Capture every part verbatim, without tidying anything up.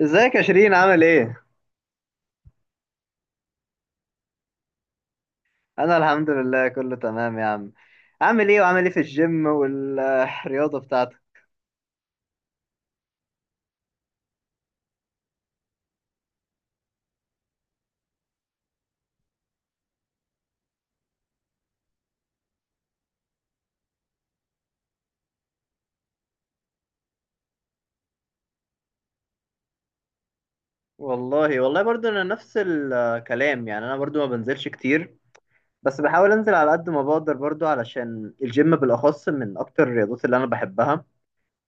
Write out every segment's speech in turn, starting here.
ازيك يا شيرين؟ عامل ايه؟ انا الحمد لله كله تمام يا عم. عامل ايه وعامل ايه في الجيم والرياضة بتاعتك؟ والله والله برضو انا نفس الكلام، يعني انا برضو ما بنزلش كتير، بس بحاول انزل على قد ما بقدر برضو، علشان الجيم بالاخص من اكتر الرياضات اللي انا بحبها.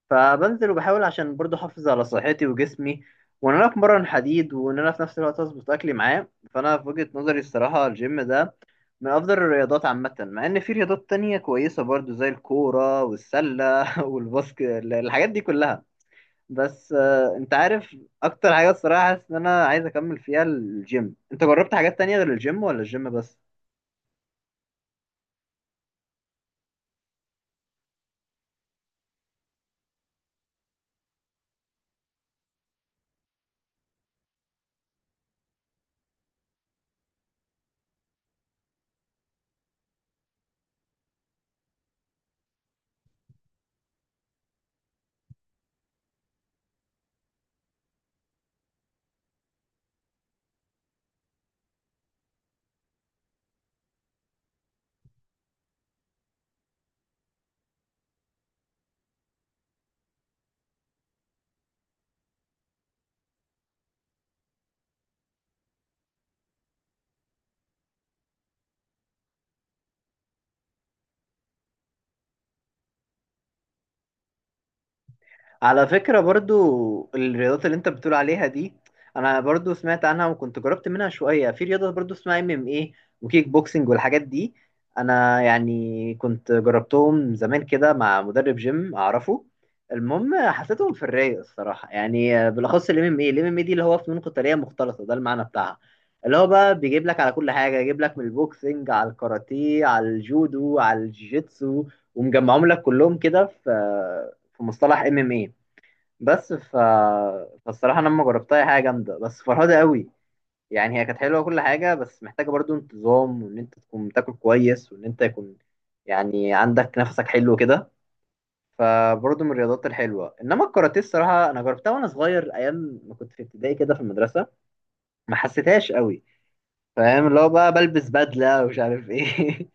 فبنزل وبحاول عشان برضو احافظ على صحتي وجسمي، وان انا اتمرن حديد، وان انا في نفس الوقت اظبط اكلي معاه. فانا في وجهة نظري الصراحة الجيم ده من أفضل الرياضات عامة، مع إن في رياضات تانية كويسة برضو زي الكورة والسلة والباسكت، الحاجات دي كلها. بس آه، أنت عارف أكتر حاجة الصراحة حاسس إن أنا عايز أكمل فيها الجيم. أنت جربت حاجات تانية غير الجيم ولا الجيم بس؟ على فكرة برضو الرياضات اللي انت بتقول عليها دي انا برضو سمعت عنها، وكنت جربت منها شوية. في رياضة برضو اسمها ام ام ايه وكيك بوكسنج والحاجات دي، انا يعني كنت جربتهم زمان كده مع مدرب جيم اعرفه. المهم حسيتهم في الرايق الصراحة، يعني بالاخص الام ام ايه. الام ام ايه دي اللي هو فنون قتالية مختلطة، ده المعنى بتاعها. اللي هو بقى بيجيب لك على كل حاجة، يجيب لك من البوكسنج على الكاراتيه على الجودو على الجيتسو، ومجمعهم لك كلهم كده في في مصطلح ام ام ايه. بس ف... فالصراحة أنا لما جربتها هي حاجة جامدة بس فرهدة قوي. يعني هي كانت حلوة وكل حاجة، بس محتاجة برضو انتظام، وإن أنت تكون تاكل كويس، وإن أنت يكون يعني عندك نفسك حلو كده. فبرضو من الرياضات الحلوة. إنما الكاراتيه الصراحة أنا جربتها وأنا صغير أيام ما كنت في ابتدائي كده في المدرسة، ما حسيتهاش قوي. فاهم اللي هو بقى بلبس بدلة ومش عارف إيه.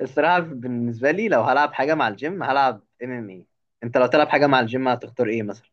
الصراحة بالنسبة لي لو هلعب حاجة مع الجيم هلعب ام ام اي. أنت لو تلعب حاجة مع الجيم هتختار إيه مثلا؟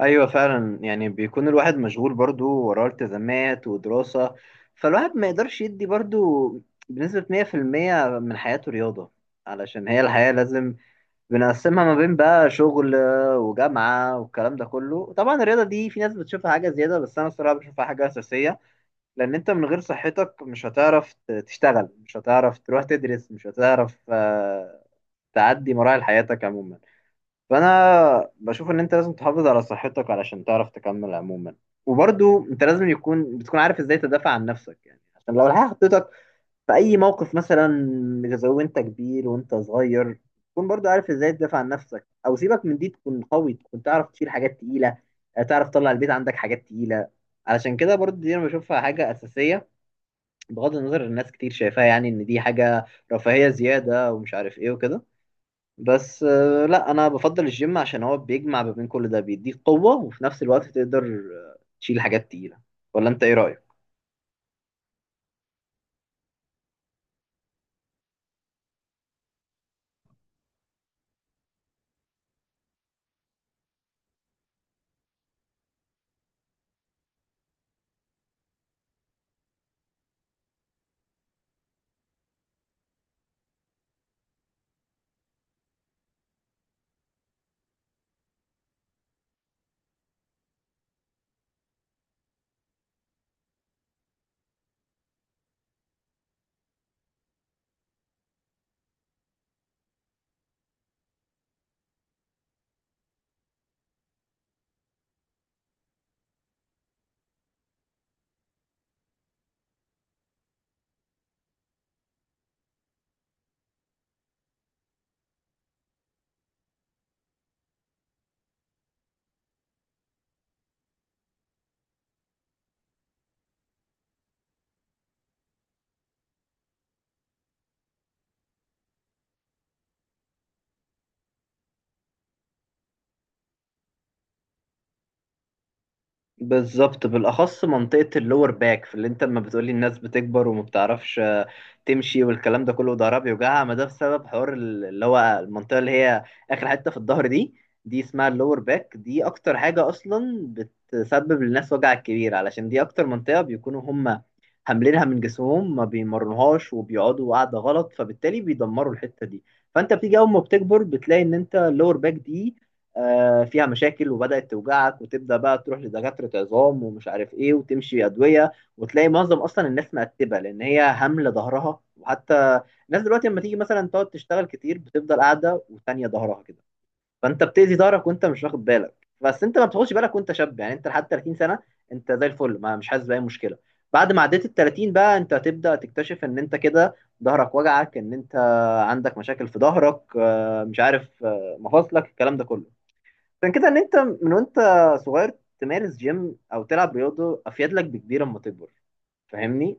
ايوه فعلا، يعني بيكون الواحد مشغول برضو، وراه التزامات ودراسة، فالواحد ما يقدرش يدي برضو بنسبة مية في المية من حياته رياضة. علشان هي الحياة لازم بنقسمها ما بين بقى شغل وجامعة والكلام ده كله. طبعا الرياضة دي في ناس بتشوفها حاجة زيادة، بس أنا الصراحة بشوفها حاجة أساسية، لأن أنت من غير صحتك مش هتعرف ت- تشتغل، مش هتعرف تروح تدرس، مش هتعرف آه، تعدي مراحل حياتك عموما. فانا بشوف ان انت لازم تحافظ على صحتك علشان تعرف تكمل عموما. وبرضو انت لازم يكون بتكون عارف ازاي تدافع عن نفسك، يعني عشان لو الحياة حطيتك في اي موقف مثلا، زي وانت كبير وانت صغير، تكون برضو عارف ازاي تدافع عن نفسك. او سيبك من دي، تكون قوي، تكون تعرف تشيل حاجات تقيلة، آه، تعرف تطلع البيت عندك حاجات تقيلة. علشان كده برضو دي انا بشوفها حاجة اساسية، بغض النظر الناس كتير شايفاها يعني ان دي حاجة رفاهية زيادة ومش عارف ايه وكده. بس آه، لا، انا بفضل الجيم عشان هو بيجمع ما بين كل ده، بيديك قوة وفي نفس الوقت تقدر آه، تشيل حاجات تقيلة. ولا انت ايه رأيك؟ بالظبط، بالاخص منطقه اللور باك. في اللي انت لما بتقولي الناس بتكبر وما بتعرفش آه، تمشي والكلام ده كله، ضهرها بيوجعها، ما ده بسبب حوار ال- اللي هو المنطقه اللي هي اخر حته في الظهر دي، دي اسمها اللور باك. دي اكتر حاجه اصلا بتسبب للناس وجع كبير، علشان دي اكتر منطقه بيكونوا هم حاملينها من جسمهم، ما بيمرنوهاش وبيقعدوا قاعده غلط، فبالتالي بيدمروا الحته دي. فانت بتيجي اول ما بتكبر بتلاقي ان انت اللور باك دي آه، فيها مشاكل وبدأت توجعك، وتبدأ بقى تروح لدكاترة عظام ومش عارف ايه وتمشي أدوية، وتلاقي معظم أصلا الناس مقتبة لأن هي هاملة ظهرها. وحتى الناس دلوقتي لما تيجي مثلا تقعد تشتغل كتير، بتفضل قاعدة وتانية ظهرها كده، فأنت بتأذي ظهرك وأنت مش واخد بالك. بس أنت ما بتاخدش بالك وأنت شاب، يعني أنت لحد ثلاثين سنة أنت زي الفل، ما مش حاسس بأي مشكلة. بعد ما عديت ال تلاتين بقى أنت هتبدأ تكتشف إن أنت كده ظهرك وجعك، إن أنت عندك مشاكل في ظهرك، آه، مش عارف، آه، مفاصلك، الكلام ده كله. عشان كده ان انت من وانت صغير تمارس جيم او تلعب رياضه، افيد لك بكبير اما تكبر. فاهمني؟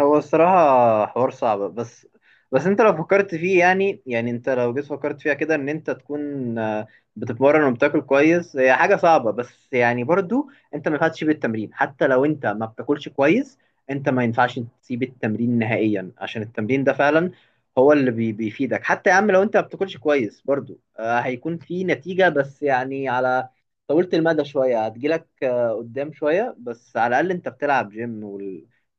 هو الصراحة حوار صعب، بس بس انت لو فكرت فيه، يعني يعني انت لو جيت فكرت فيها كده ان انت تكون آه، بتتمرن وبتاكل كويس، هي حاجة صعبة، بس يعني برضو انت ما ينفعش تسيب التمرين. حتى لو انت ما بتاكلش كويس، انت ما ينفعش تسيب التمرين نهائيا، عشان التمرين ده فعلا هو اللي بي بيفيدك. حتى يا عم لو انت ما بتاكلش كويس برضو آه، هيكون في نتيجة، بس يعني على طولت المدى شوية، هتجيلك آه، قدام شوية، بس على الأقل أنت بتلعب جيم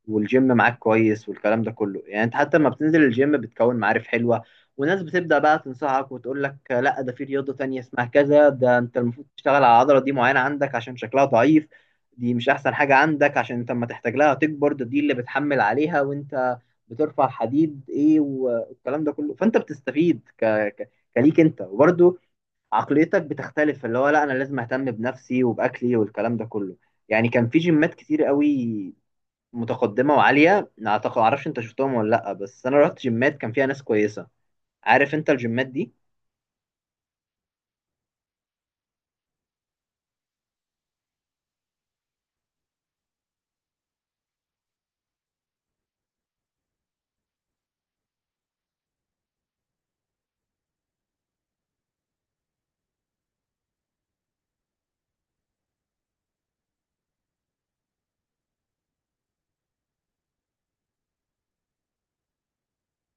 والجيم معاك كويس والكلام ده كله. يعني انت حتى لما بتنزل الجيم بتكون معارف حلوة، وناس بتبدأ بقى تنصحك وتقول لك لا ده في رياضة تانية اسمها كذا، ده انت المفروض تشتغل على العضلة دي معينة عندك عشان شكلها ضعيف، دي مش احسن حاجة عندك عشان انت اما تحتاج لها تكبر ده، دي اللي بتحمل عليها وانت بترفع حديد ايه، والكلام ده كله. فانت بتستفيد ك... ك... كليك انت، وبرده عقليتك بتختلف، اللي هو لا انا لازم اهتم بنفسي وباكلي والكلام ده كله. يعني كان في جيمات كتير قوي متقدمه وعاليه، اعتقد معرفش انت شفتهم ولا لا، بس انا رحت جيمات كان فيها ناس كويسه. عارف انت الجيمات دي؟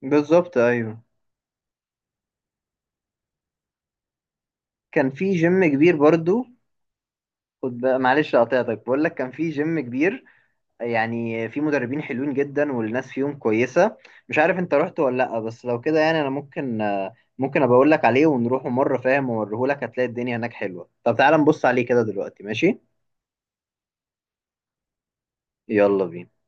بالظبط، ايوه. كان في جيم كبير برضو، خد بقى معلش قطعتك، بقول لك كان في جيم كبير، يعني في مدربين حلوين جدا والناس فيهم كويسه. مش عارف انت رحت ولا لا، بس لو كده يعني انا ممكن آه، ممكن ابقى اقول لك عليه ونروح مره، فاهم، واوريهولك. هتلاقي الدنيا هناك حلوه. طب تعالى نبص عليه كده دلوقتي، ماشي؟ يلا بينا.